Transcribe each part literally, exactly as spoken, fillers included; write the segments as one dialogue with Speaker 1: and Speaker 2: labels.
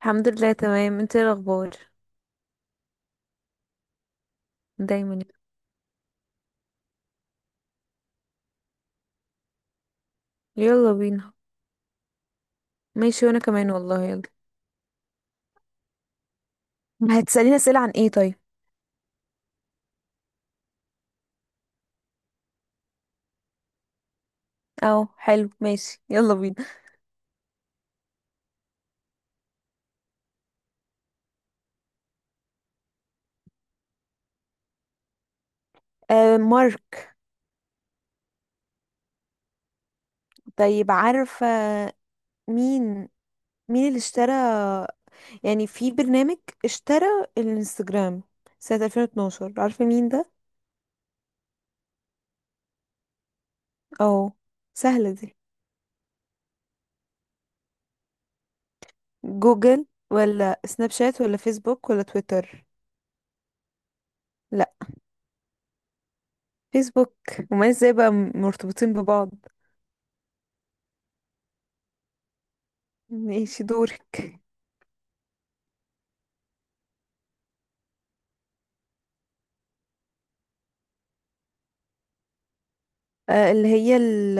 Speaker 1: الحمد لله تمام. انت ايه الاخبار؟ دايما. يلا بينا. ماشي وانا كمان والله، يلا. هتسأليني اسئلة عن ايه طيب؟ اه حلو، ماشي يلا بينا. آه مارك. طيب عارفة مين؟ مين اللي اشترى، يعني في برنامج اشترى الانستجرام سنة ألفين واتناشر، عارفة مين ده؟ اه سهلة دي. جوجل ولا سناب شات ولا فيسبوك ولا تويتر؟ لا، فيسبوك. وما ازاي بقى مرتبطين ببعض؟ ماشي دورك. آه، اللي هي ال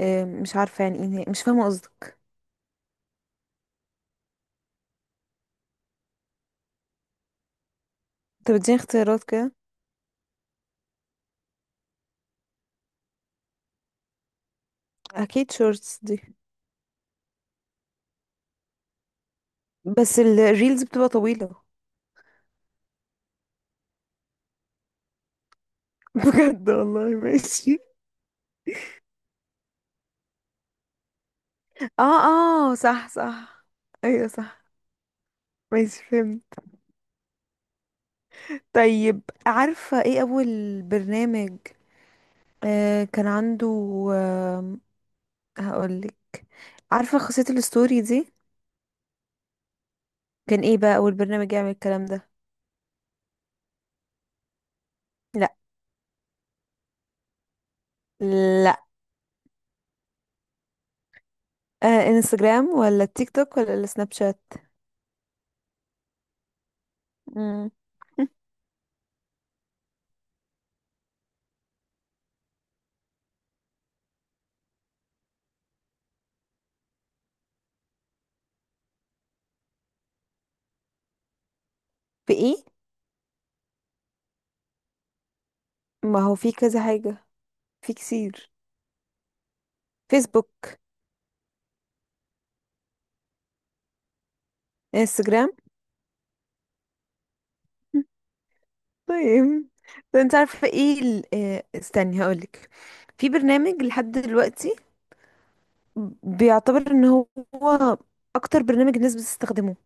Speaker 1: آه، مش عارفة يعني ايه هي، مش فاهمة قصدك. انت بتديني اختيارات كده؟ اكيد شورتس دي. بس الريلز بتبقى طويلة. بجد والله؟ ماشي. اه اه، صح صح. ايوه صح، ماشي فهمت. طيب عارفة ايه اول برنامج آه كان عنده؟ آه هقولك. عارفة خاصية الستوري دي؟ كان ايه بقى اول برنامج يعمل الكلام ده؟ لا. لا. آه انستجرام ولا تيك توك ولا السناب شات؟ مم. في ايه؟ ما هو في كذا حاجة، في كتير. فيسبوك. انستجرام. طيب، ده انت عارفة ايه ال... آه، استني هقولك. في برنامج لحد دلوقتي بيعتبر ان هو اكتر برنامج الناس بتستخدمه.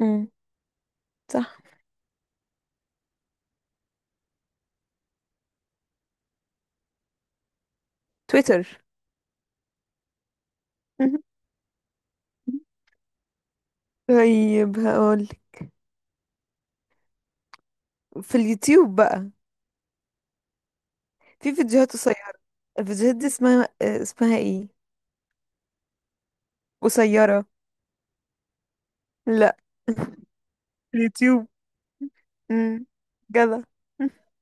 Speaker 1: امم. صح. تويتر. طيب هقولك، في اليوتيوب بقى في فيديوهات قصيرة، الفيديوهات دي اسمها آه، اسمها ايه؟ قصيرة. لا. اليوتيوب. امم. جدع.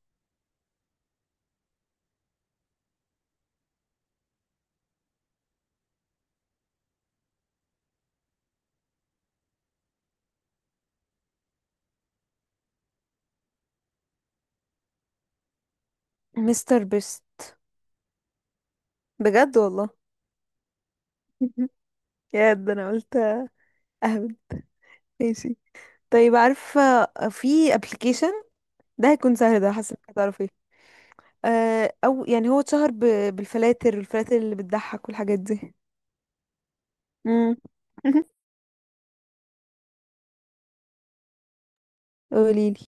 Speaker 1: مستر بيست. بجد والله. يا ده انا قلت اهبل. ماشي. طيب عارفة، في ابلكيشن ده هيكون سهل، ده حاسة انك هتعرفيه. آه، او يعني هو اتشهر ب- بالفلاتر، الفلاتر اللي بتضحك والحاجات دي. امم. قوليلي.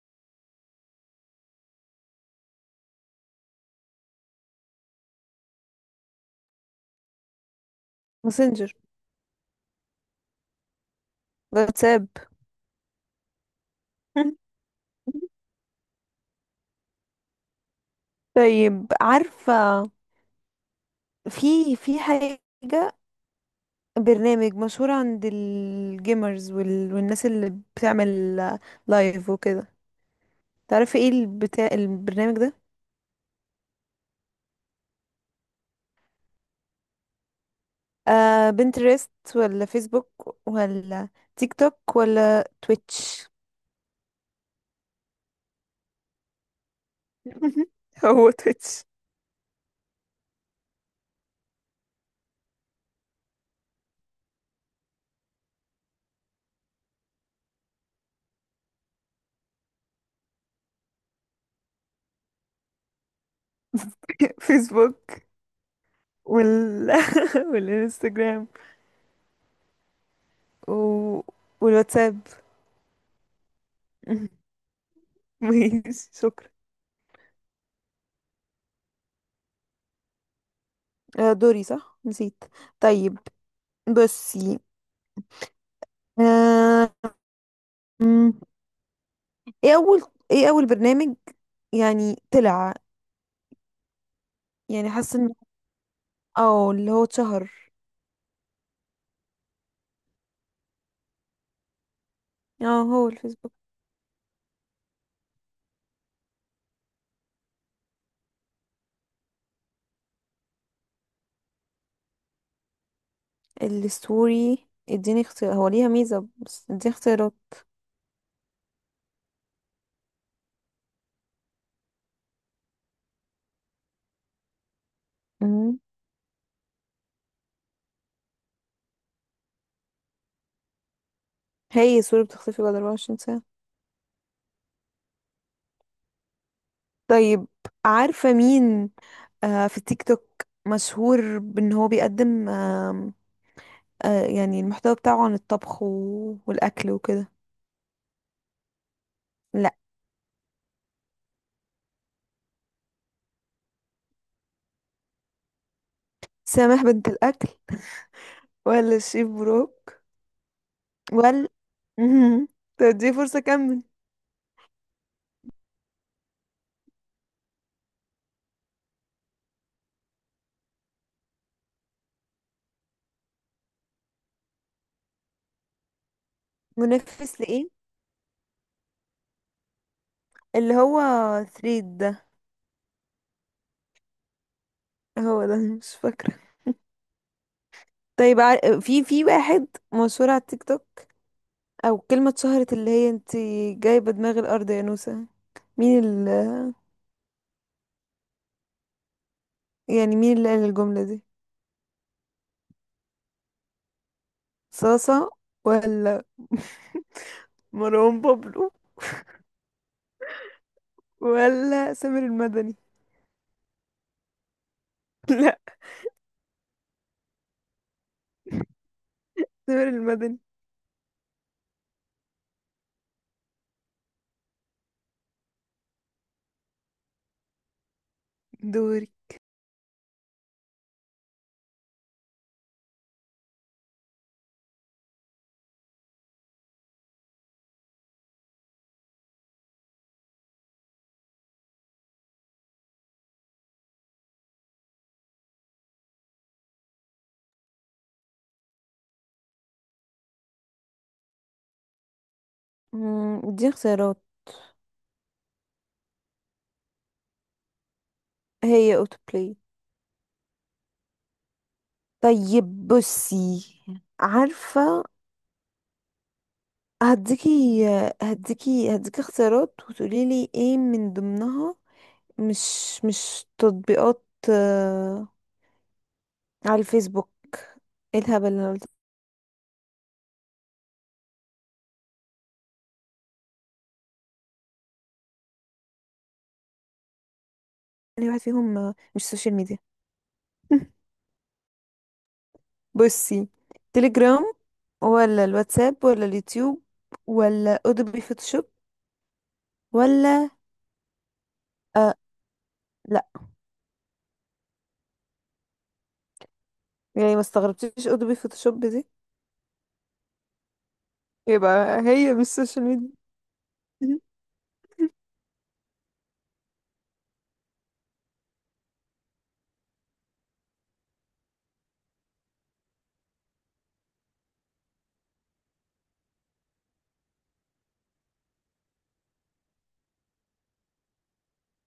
Speaker 1: ماسنجر. واتساب. طيب عارفة، في في حاجة، برنامج مشهور عند الجيمرز وال... والناس اللي بتعمل لايف وكده، تعرفي ايه البتاع البرنامج ده؟ آه بنترست ولا فيسبوك ولا تيك توك ولا تويتش؟ هو تويتش. فيسبوك وال والانستجرام و... والواتساب. ماشي شكرا. آه دوري صح، نسيت. طيب بصي، آه ايه اول ايه اول برنامج يعني طلع، يعني حاسه ان اه اللي هو اتشهر؟ اه هو الفيسبوك. الستوري اديني اختيار، هو ليها ميزه بس اديني اختيارات. مم. هي الصوره بتختفي بعد اربعة وعشرين ساعه. طيب عارفه مين آه في التيك توك مشهور بان هو بيقدم آه، آه يعني المحتوى بتاعه عن الطبخ و... والاكل وكده؟ لا. سامح بنت الاكل ولا الشيف بروك ولا مهم. طب دي فرصه كمل. منافس لإيه؟ اللي هو ثريد ده؟ هو ده، مش فاكرة. طيب عار- في في واحد مشهور على التيك توك، او كلمة اتشهرت اللي هي انت جايبة دماغ الارض يا نوسة، مين ال، يعني مين اللي قال الجملة دي؟ صاصة ولا مروان بابلو ولا سامر المدني؟ لا، سامر المدني. دوري. مم، دي اختيارات. هي اوتو بلاي. طيب بصي، عارفة، هديكي هديكي هديكي اختيارات وتقولي لي ايه من ضمنها مش مش تطبيقات آه، على الفيسبوك. ايه الهبل اللي انا قلت. يعني واحد فيهم آه، مش سوشيال ميديا. بصي، تليجرام ولا الواتساب ولا اليوتيوب ولا اودوبي فوتوشوب ولا آه؟ لا. يعني ما استغربتيش اودوبي فوتوشوب دي؟ يبقى هي مش سوشيال ميديا.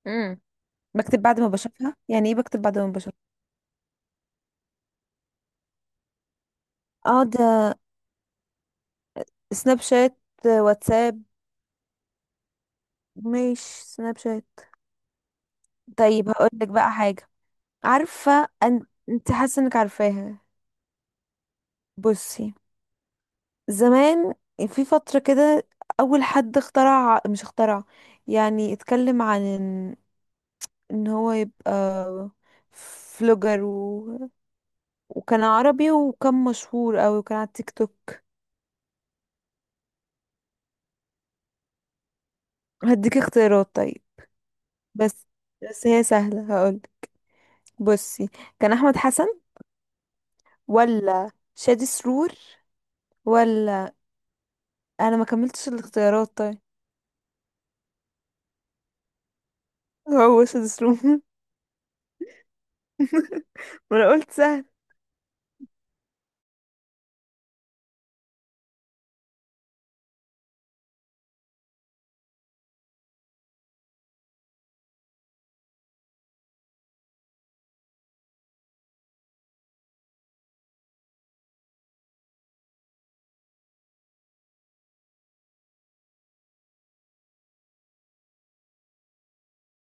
Speaker 1: امم. بكتب بعد ما بشوفها؟ يعني ايه بكتب بعد ما بشوفها؟ اه ده سناب شات. واتساب. مش سناب شات. طيب هقولك بقى حاجة. عارفة، أن... انت حاسة انك عارفاها. بصي، زمان في فترة كده، أول حد اخترع، مش اخترع يعني، اتكلم عن ان، إن هو يبقى فلوجر و... وكان عربي وكان مشهور أوي وكان على التيك توك. هديك اختيارات طيب. بس، بس هي سهلة هقولك. بصي، كان أحمد حسن ولا شادي سرور ولا، انا ما كملتش الاختيارات طيب. هو سدس روم. وانا قلت سهل.